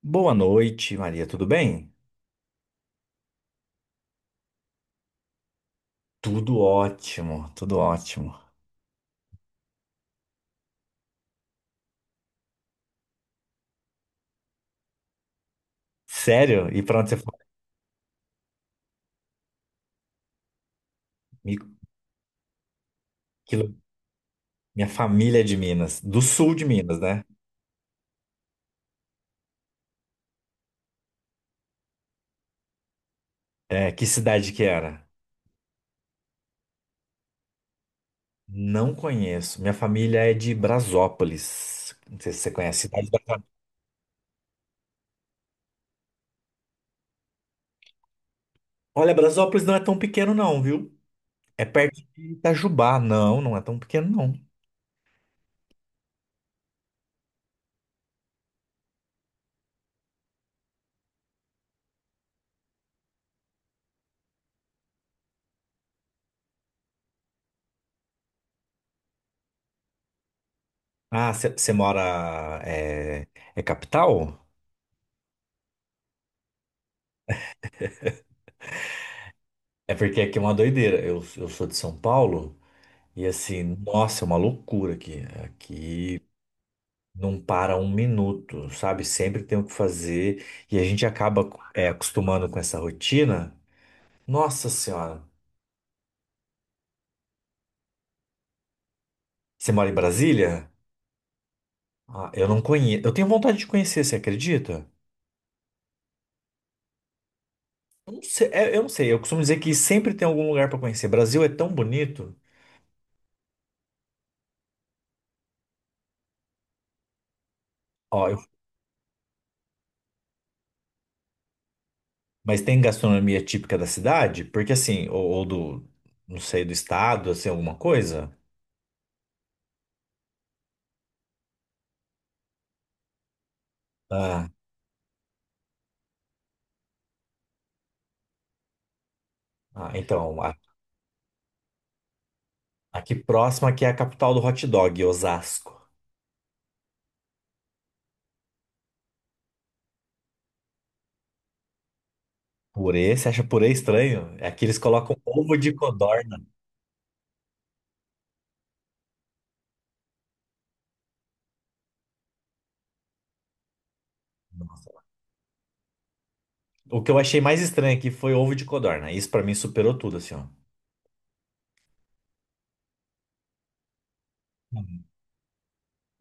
Boa noite, Maria. Tudo bem? Tudo ótimo, tudo ótimo. Sério? E pra onde você foi? Mi- que lu- Minha família é de Minas, do sul de Minas, né? É, que cidade que era? Não conheço. Minha família é de Brasópolis. Não sei se você conhece a cidade de Brasópolis. Olha, Brasópolis não é tão pequeno não, viu? É perto de Itajubá. Não, não é tão pequeno não. Ah, você mora... É, é capital? É porque aqui é uma doideira. Eu sou de São Paulo. E assim, nossa, é uma loucura aqui. Aqui não para um minuto, sabe? Sempre tem o que fazer e a gente acaba acostumando com essa rotina. Nossa Senhora, você mora em Brasília? Ah, eu não conheço. Eu tenho vontade de conhecer, você acredita? Eu não sei, eu não sei. Eu costumo dizer que sempre tem algum lugar para conhecer. Brasil é tão bonito. Ó, eu- mas tem gastronomia típica da cidade? Porque assim, ou do, não sei, do estado, assim, alguma coisa? Ah, ah, então. Aqui próximo aqui é a capital do hot dog, Osasco. Purê, você acha purê estranho? É que eles colocam ovo de codorna. Nossa. O que eu achei mais estranho aqui foi ovo de codorna. Isso pra mim superou tudo, assim, ó.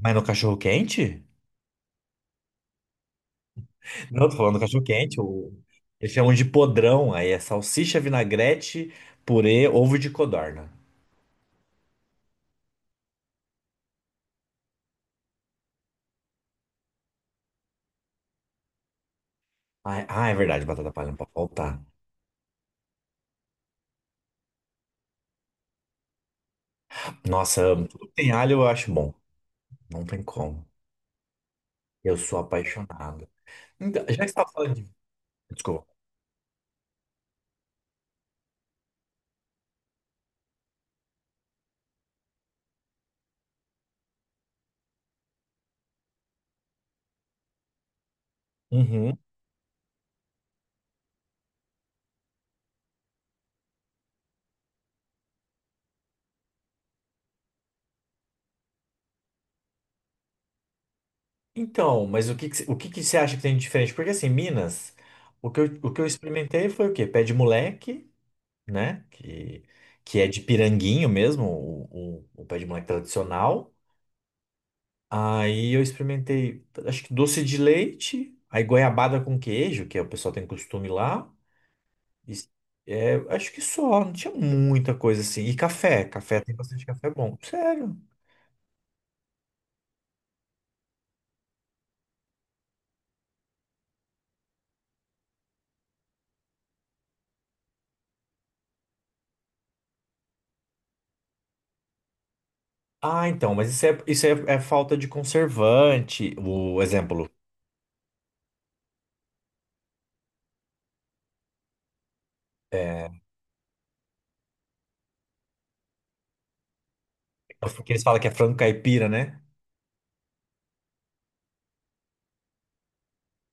Mas no cachorro quente? Não, tô falando do cachorro quente. Eles chamam de podrão. Aí é salsicha, vinagrete, purê, ovo de codorna. Ah, é verdade, batata palha não pode faltar. Nossa, eu amo. Tudo que tem alho eu acho bom. Não tem como. Eu sou apaixonado. Então, já que você tava falando de. Desculpa. Uhum. Então, mas o que que você acha que tem de diferente? Porque assim, Minas, o que eu experimentei foi o quê? Pé de moleque, né? Que é de piranguinho mesmo, o pé de moleque tradicional. Aí eu experimentei, acho que doce de leite, aí goiabada com queijo, que é o pessoal tem costume lá. E, acho que só, não tinha muita coisa assim. E café, café tem bastante café bom. Sério. Ah, então, mas isso é, é falta de conservante. O exemplo. É, porque eles falam que é frango caipira, né?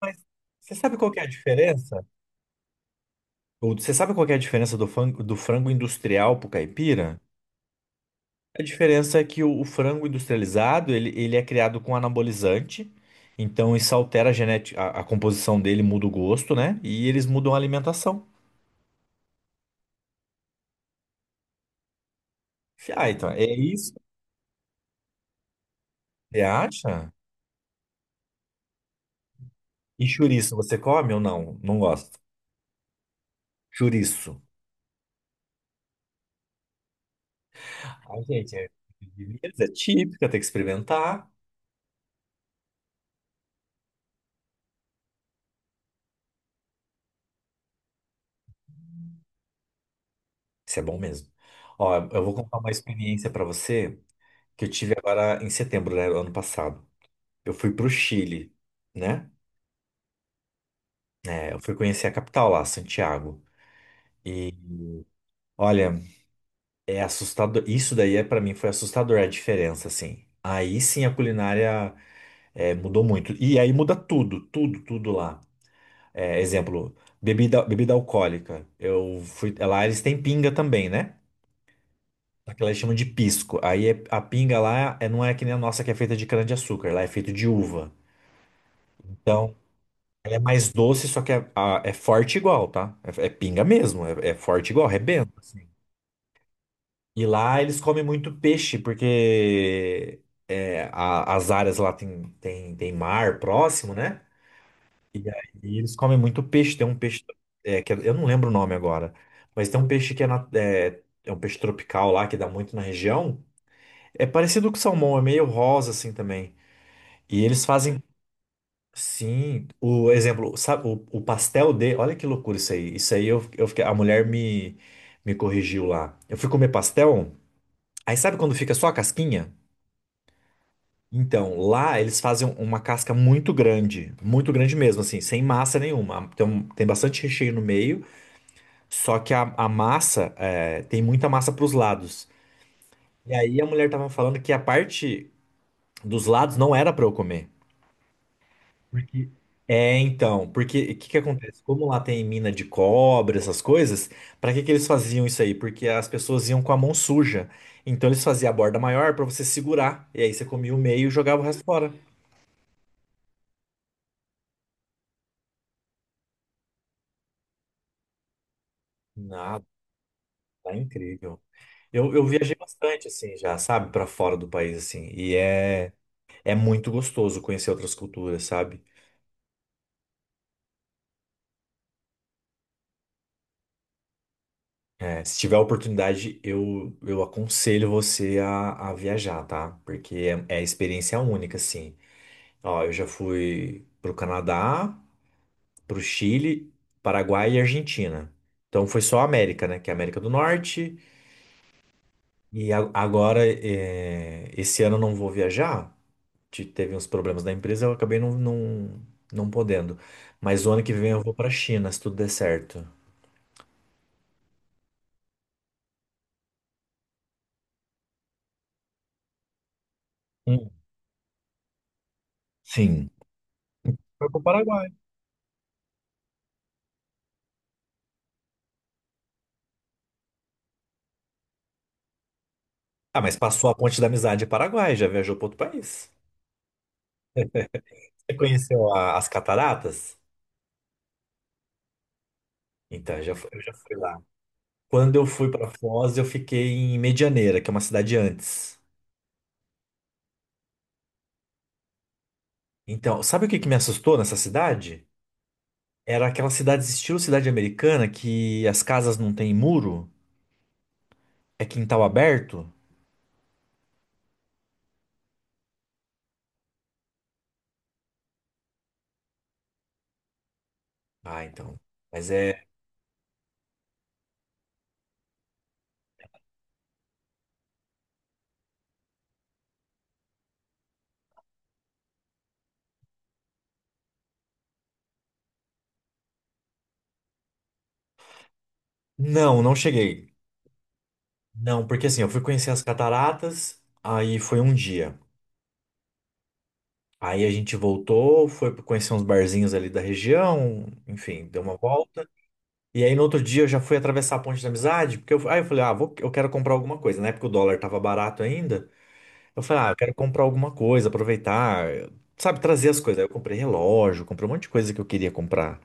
Mas você sabe qual que é a diferença? Ou você sabe qual que é a diferença do frango industrial pro caipira? A diferença é que o frango industrializado, ele é criado com anabolizante, então isso altera a genética, a composição dele muda o gosto, né? E eles mudam a alimentação. Ah, então, é isso? Você acha? E chouriço, você come ou não? Não gosto. Chouriço. Ai, gente, é é típica, tem que experimentar. Isso é bom mesmo. Ó, eu vou contar uma experiência pra você que eu tive agora em setembro, né, do ano passado. Eu fui pro Chile, né? É, eu fui conhecer a capital lá, Santiago. Olha, é assustador. Isso daí é para mim foi assustador a diferença, assim. Aí sim a culinária mudou muito. E aí muda tudo, tudo, tudo lá. É, exemplo, bebida, bebida alcoólica. Eu fui lá, eles têm pinga também, né? Aquela eles chamam de pisco. A pinga lá é, não é que nem a nossa que é feita de cana-de-açúcar, lá é feito de uva. Então, ela é mais doce, só que é forte igual, tá? É pinga mesmo, é forte igual, rebenta, assim. E lá eles comem muito peixe, porque as áreas lá tem, tem mar próximo, né? E aí eles comem muito peixe. Tem um peixe, eu não lembro o nome agora, mas tem um peixe que é é um peixe tropical lá que dá muito na região. É parecido com salmão, é meio rosa assim também. E eles fazem, sim, o exemplo, sabe, o pastel de, olha que loucura isso aí. Isso aí eu fiquei, a mulher me corrigiu lá. Eu fui comer pastel, aí sabe quando fica só a casquinha? Então, lá eles fazem uma casca muito grande mesmo, assim, sem massa nenhuma. Tem bastante recheio no meio, só que a massa, é, tem muita massa para os lados. E aí a mulher tava falando que a parte dos lados não era para eu comer. Porque- É, então, porque o que que acontece? Como lá tem mina de cobre, essas coisas, pra que que eles faziam isso aí? Porque as pessoas iam com a mão suja. Então eles faziam a borda maior pra você segurar. E aí você comia o meio e jogava o resto fora. Nada, tá incrível. Eu viajei bastante, assim, já, sabe, pra fora do país, assim. É muito gostoso conhecer outras culturas, sabe? É, se tiver a oportunidade, eu aconselho você a viajar, tá? Porque é experiência única, assim. Ó, eu já fui pro Canadá, pro Chile, Paraguai e Argentina. Então foi só a América, né? Que é a América do Norte. Agora, é, esse ano eu não vou viajar. Teve uns problemas da empresa, eu acabei não podendo. Mas o ano que vem eu vou pra China, se tudo der certo. Hum. Sim. Foi pro Paraguai. Ah, mas passou a ponte da amizade em Paraguai, já viajou para outro país. Você conheceu as cataratas? Então, eu já fui lá. Quando eu fui pra Foz, eu fiquei em Medianeira, que é uma cidade antes. Então, sabe o que que me assustou nessa cidade? Era aquelas cidades estilo cidade americana que as casas não têm muro, é quintal aberto. Ah, então. Mas é. Não, não cheguei. Não, porque assim, eu fui conhecer as cataratas, aí foi um dia. Aí a gente voltou, foi conhecer uns barzinhos ali da região, enfim, deu uma volta. E aí no outro dia eu já fui atravessar a ponte da amizade, porque eu, aí eu falei, ah, vou, eu quero comprar alguma coisa, né porque o dólar tava barato ainda. Eu falei, ah, eu quero comprar alguma coisa, aproveitar, sabe, trazer as coisas. Aí eu comprei relógio, comprei um monte de coisa que eu queria comprar.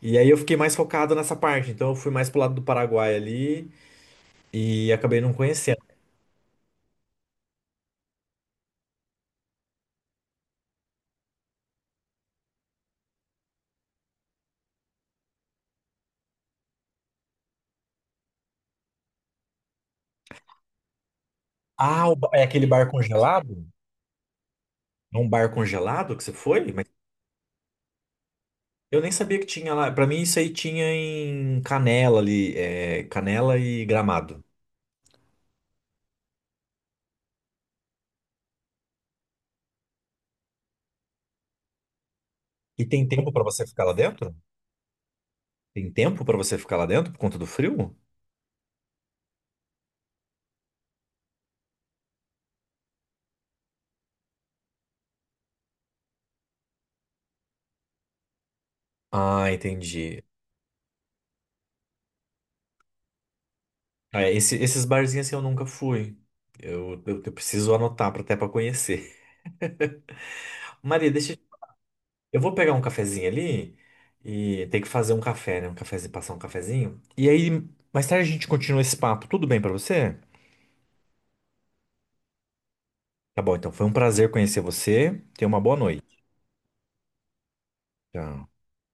E aí eu fiquei mais focado nessa parte, então eu fui mais pro lado do Paraguai ali e acabei não conhecendo. Ah, é aquele bar congelado? É um bar congelado que você foi? Mas eu nem sabia que tinha lá. Pra mim isso aí tinha em Canela ali, é, Canela e Gramado. E tem tempo pra você ficar lá dentro? Tem tempo pra você ficar lá dentro por conta do frio? Ah, entendi. Ah, esses barzinhos assim eu nunca fui. Eu preciso anotar pra, até pra conhecer. Maria, deixa. Eu vou pegar um cafezinho ali e tem que fazer um café, né? Um cafezinho, passar um cafezinho. E aí, mais tarde a gente continua esse papo. Tudo bem pra você? Tá bom, então foi um prazer conhecer você. Tenha uma boa noite. Tchau.